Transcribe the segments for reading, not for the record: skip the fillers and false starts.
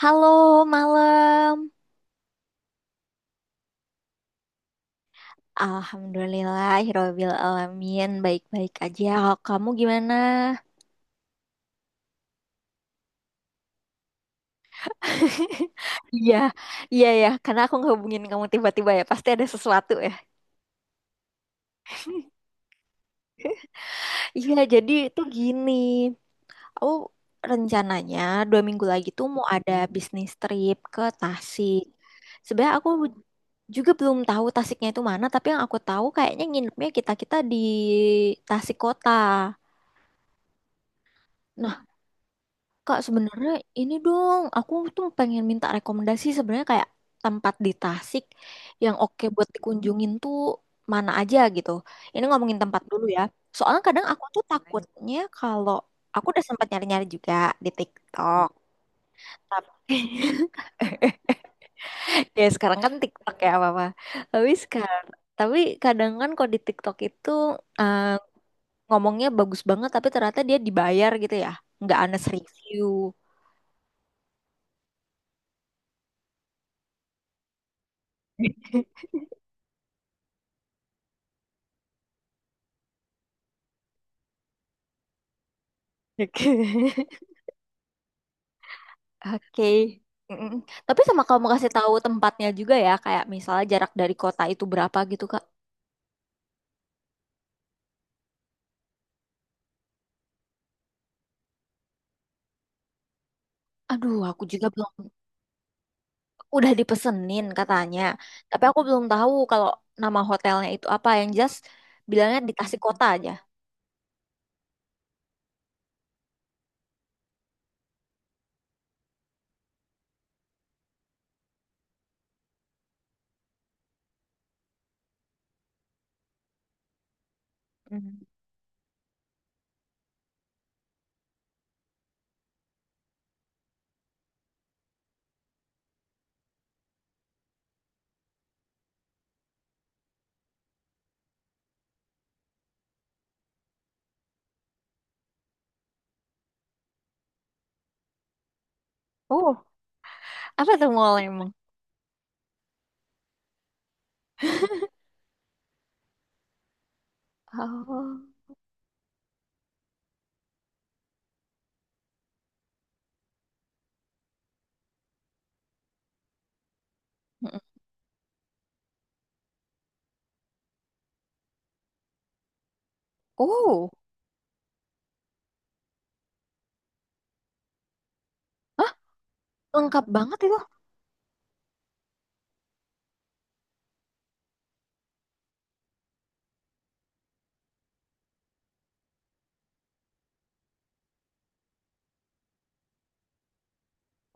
Halo, malam. Alhamdulillah, Hirobil Alamin. Baik-baik aja. Kalau kamu gimana? Iya, iya ya. Karena aku ngehubungin kamu tiba-tiba ya. Pasti ada sesuatu ya. Iya, jadi itu gini. Aku rencananya 2 minggu lagi tuh mau ada bisnis trip ke Tasik. Sebenarnya aku juga belum tahu Tasiknya itu mana. Tapi yang aku tahu kayaknya nginepnya kita-kita di Tasik Kota. Kak, sebenarnya ini dong, aku tuh pengen minta rekomendasi sebenarnya kayak tempat di Tasik yang oke buat dikunjungin tuh mana aja gitu. Ini ngomongin tempat dulu ya. Soalnya kadang aku tuh takutnya kalau aku udah sempat nyari-nyari juga di TikTok. Tapi ya sekarang kan TikTok ya apa-apa. Tapi sekarang, tapi kadang kan kalau di TikTok itu eh, ngomongnya bagus banget tapi ternyata dia dibayar gitu ya. Nggak honest review. Oke. Oke. Mm-mm. Tapi sama kamu kasih tahu tempatnya juga ya, kayak misalnya jarak dari kota itu berapa gitu, Kak. Aduh, aku juga belum udah dipesenin katanya. Tapi aku belum tahu kalau nama hotelnya itu apa yang just bilangnya dikasih kota aja. Mm. Oh, apa tuh mall emang? Oh. Mm-mm. Oh. Hah? Lengkap banget itu.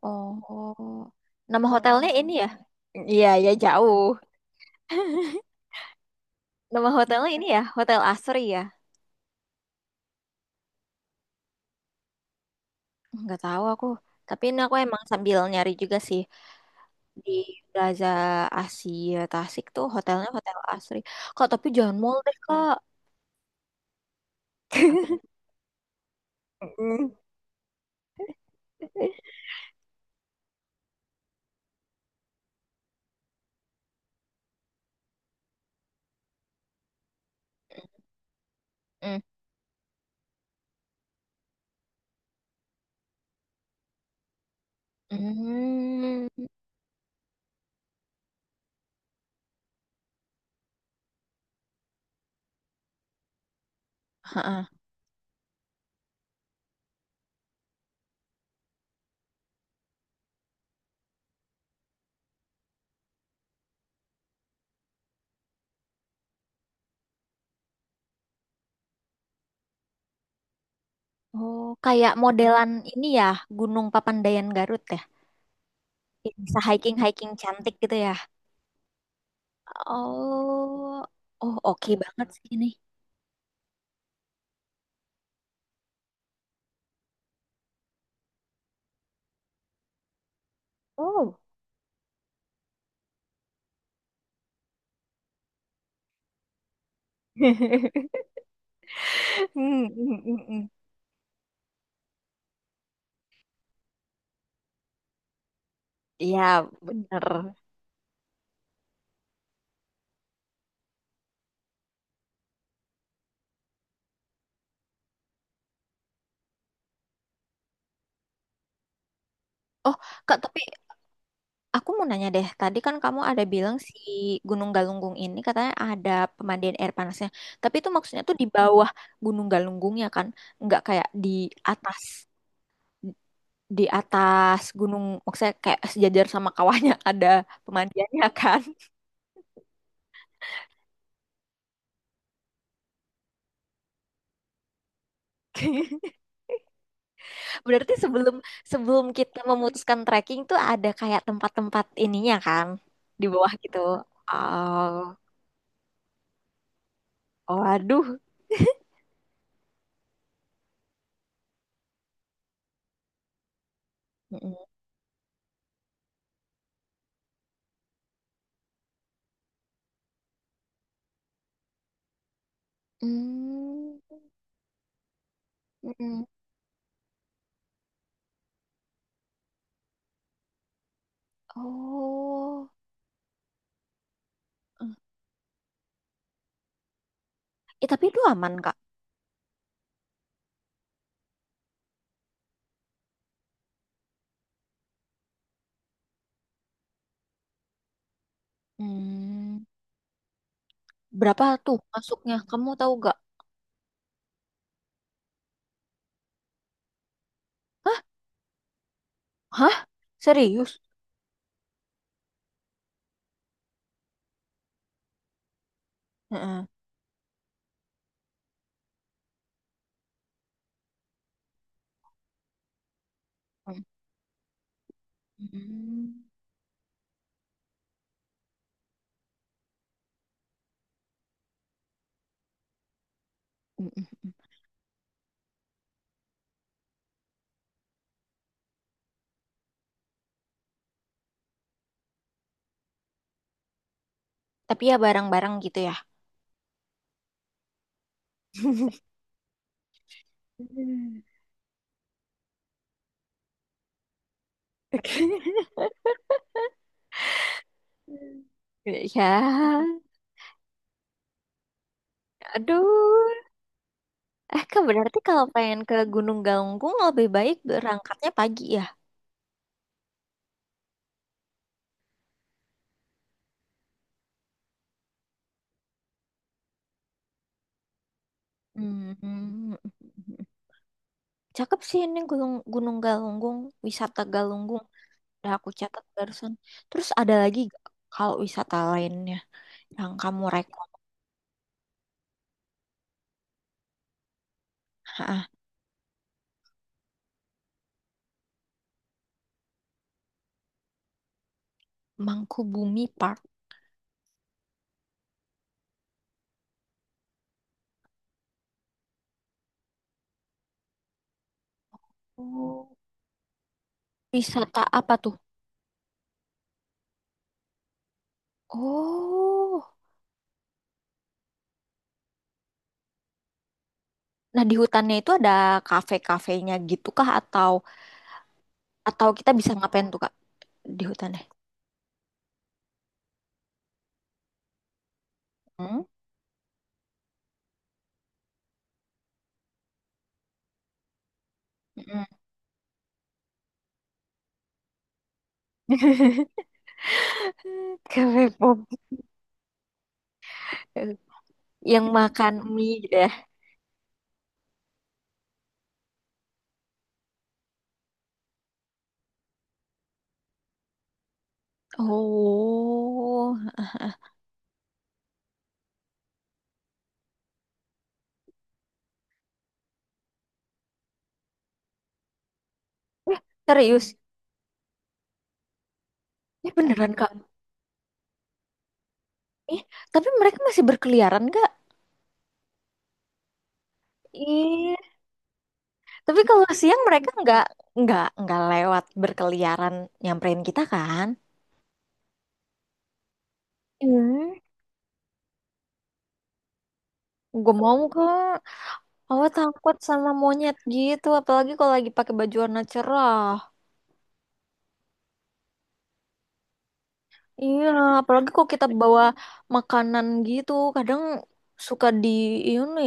Oh. Nama hotelnya ini ya? Iya, ya jauh. Nama hotelnya ini ya, Hotel Asri ya. Nggak tahu aku, tapi ini aku emang sambil nyari juga sih di Plaza Asia Tasik tuh hotelnya Hotel Asri, Kak, tapi jangan mall deh, Kak. Mm-mm. Mm. Mm. Mm. Ha ha. Oh, kayak modelan ini ya, Gunung Papandayan Garut ya. Yang bisa hiking-hiking cantik gitu ya. Oh, oh oke banget sih ini. Oh. Mm, mm, mm, mm. Iya, bener. Oh, Kak, tapi aku mau nanya deh, tadi kan kamu ada bilang si Gunung Galunggung ini katanya ada pemandian air panasnya. Tapi itu maksudnya tuh di bawah Gunung Galunggungnya kan, nggak kayak di atas, di atas gunung, maksudnya kayak sejajar sama kawahnya ada pemandiannya kan. Berarti sebelum sebelum kita memutuskan trekking tuh ada kayak tempat-tempat ininya kan di bawah gitu. Oh, waduh. Mm-mm. Hmm, mm-mm. Oh. Eh, tapi itu aman, Kak. Hmm. Berapa tuh masuknya? Kamu tahu gak? Hah? Hah? Serius? Heeh. Hmm. Hmm. Hmm. Hmm. Tapi ya barang-barang gitu ya. Hmm. Oke. Ya, aduh. Eh, Kak, berarti kalau pengen ke Gunung Galunggung lebih baik berangkatnya pagi ya. Hmm. Cakep sih ini Gunung Gunung Galunggung, wisata Galunggung. Udah aku catat barusan. Terus ada lagi nggak kalau wisata lain yang kamu rekor. Heeh. Mangkubumi Park. Oh, wisata apa tuh? Oh, nah di hutannya itu ada kafe-kafenya gitu kah atau kita bisa ngapain tuh, Kak, di hutannya? Hmm? Mm-mm. Kafe pop, yang makan mie gitu ya. Oh, eh, serius? Eh, beneran, Kak? Eh, tapi mereka masih berkeliaran nggak? Ih, tapi kalau siang mereka nggak, nggak lewat berkeliaran nyamperin kita kan? Gue mau, kak. Awal takut sama monyet gitu, apalagi kalau lagi pakai baju warna cerah. Iya, apalagi kalau kita bawa makanan gitu, kadang suka di ini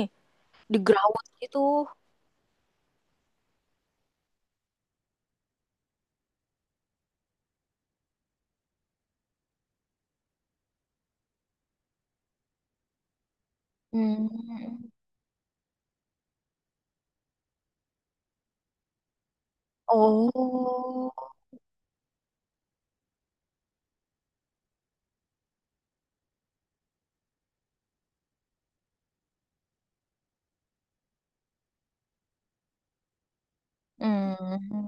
digerawat gitu. Hmm. Oh. Hmm.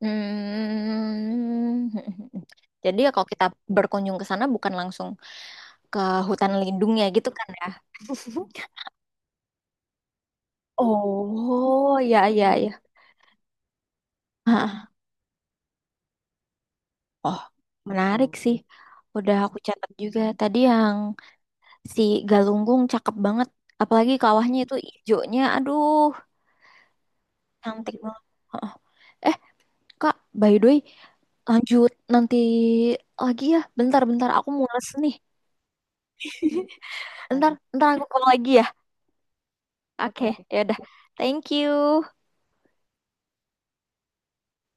Hmm. Jadi ya kalau kita berkunjung ke sana bukan langsung ke hutan lindung ya gitu kan ya. Oh, ya ya ya. Ha, oh, menarik sih. Udah aku catat juga. Tadi yang si Galunggung cakep banget. Apalagi kawahnya itu hijaunya. Aduh, cantik banget. Heeh. Eh, Kak, by the way, lanjut nanti lagi ya. Bentar-bentar aku mules nih. Bentar, bentar aku call lagi ya. Oke, ya udah. Thank you.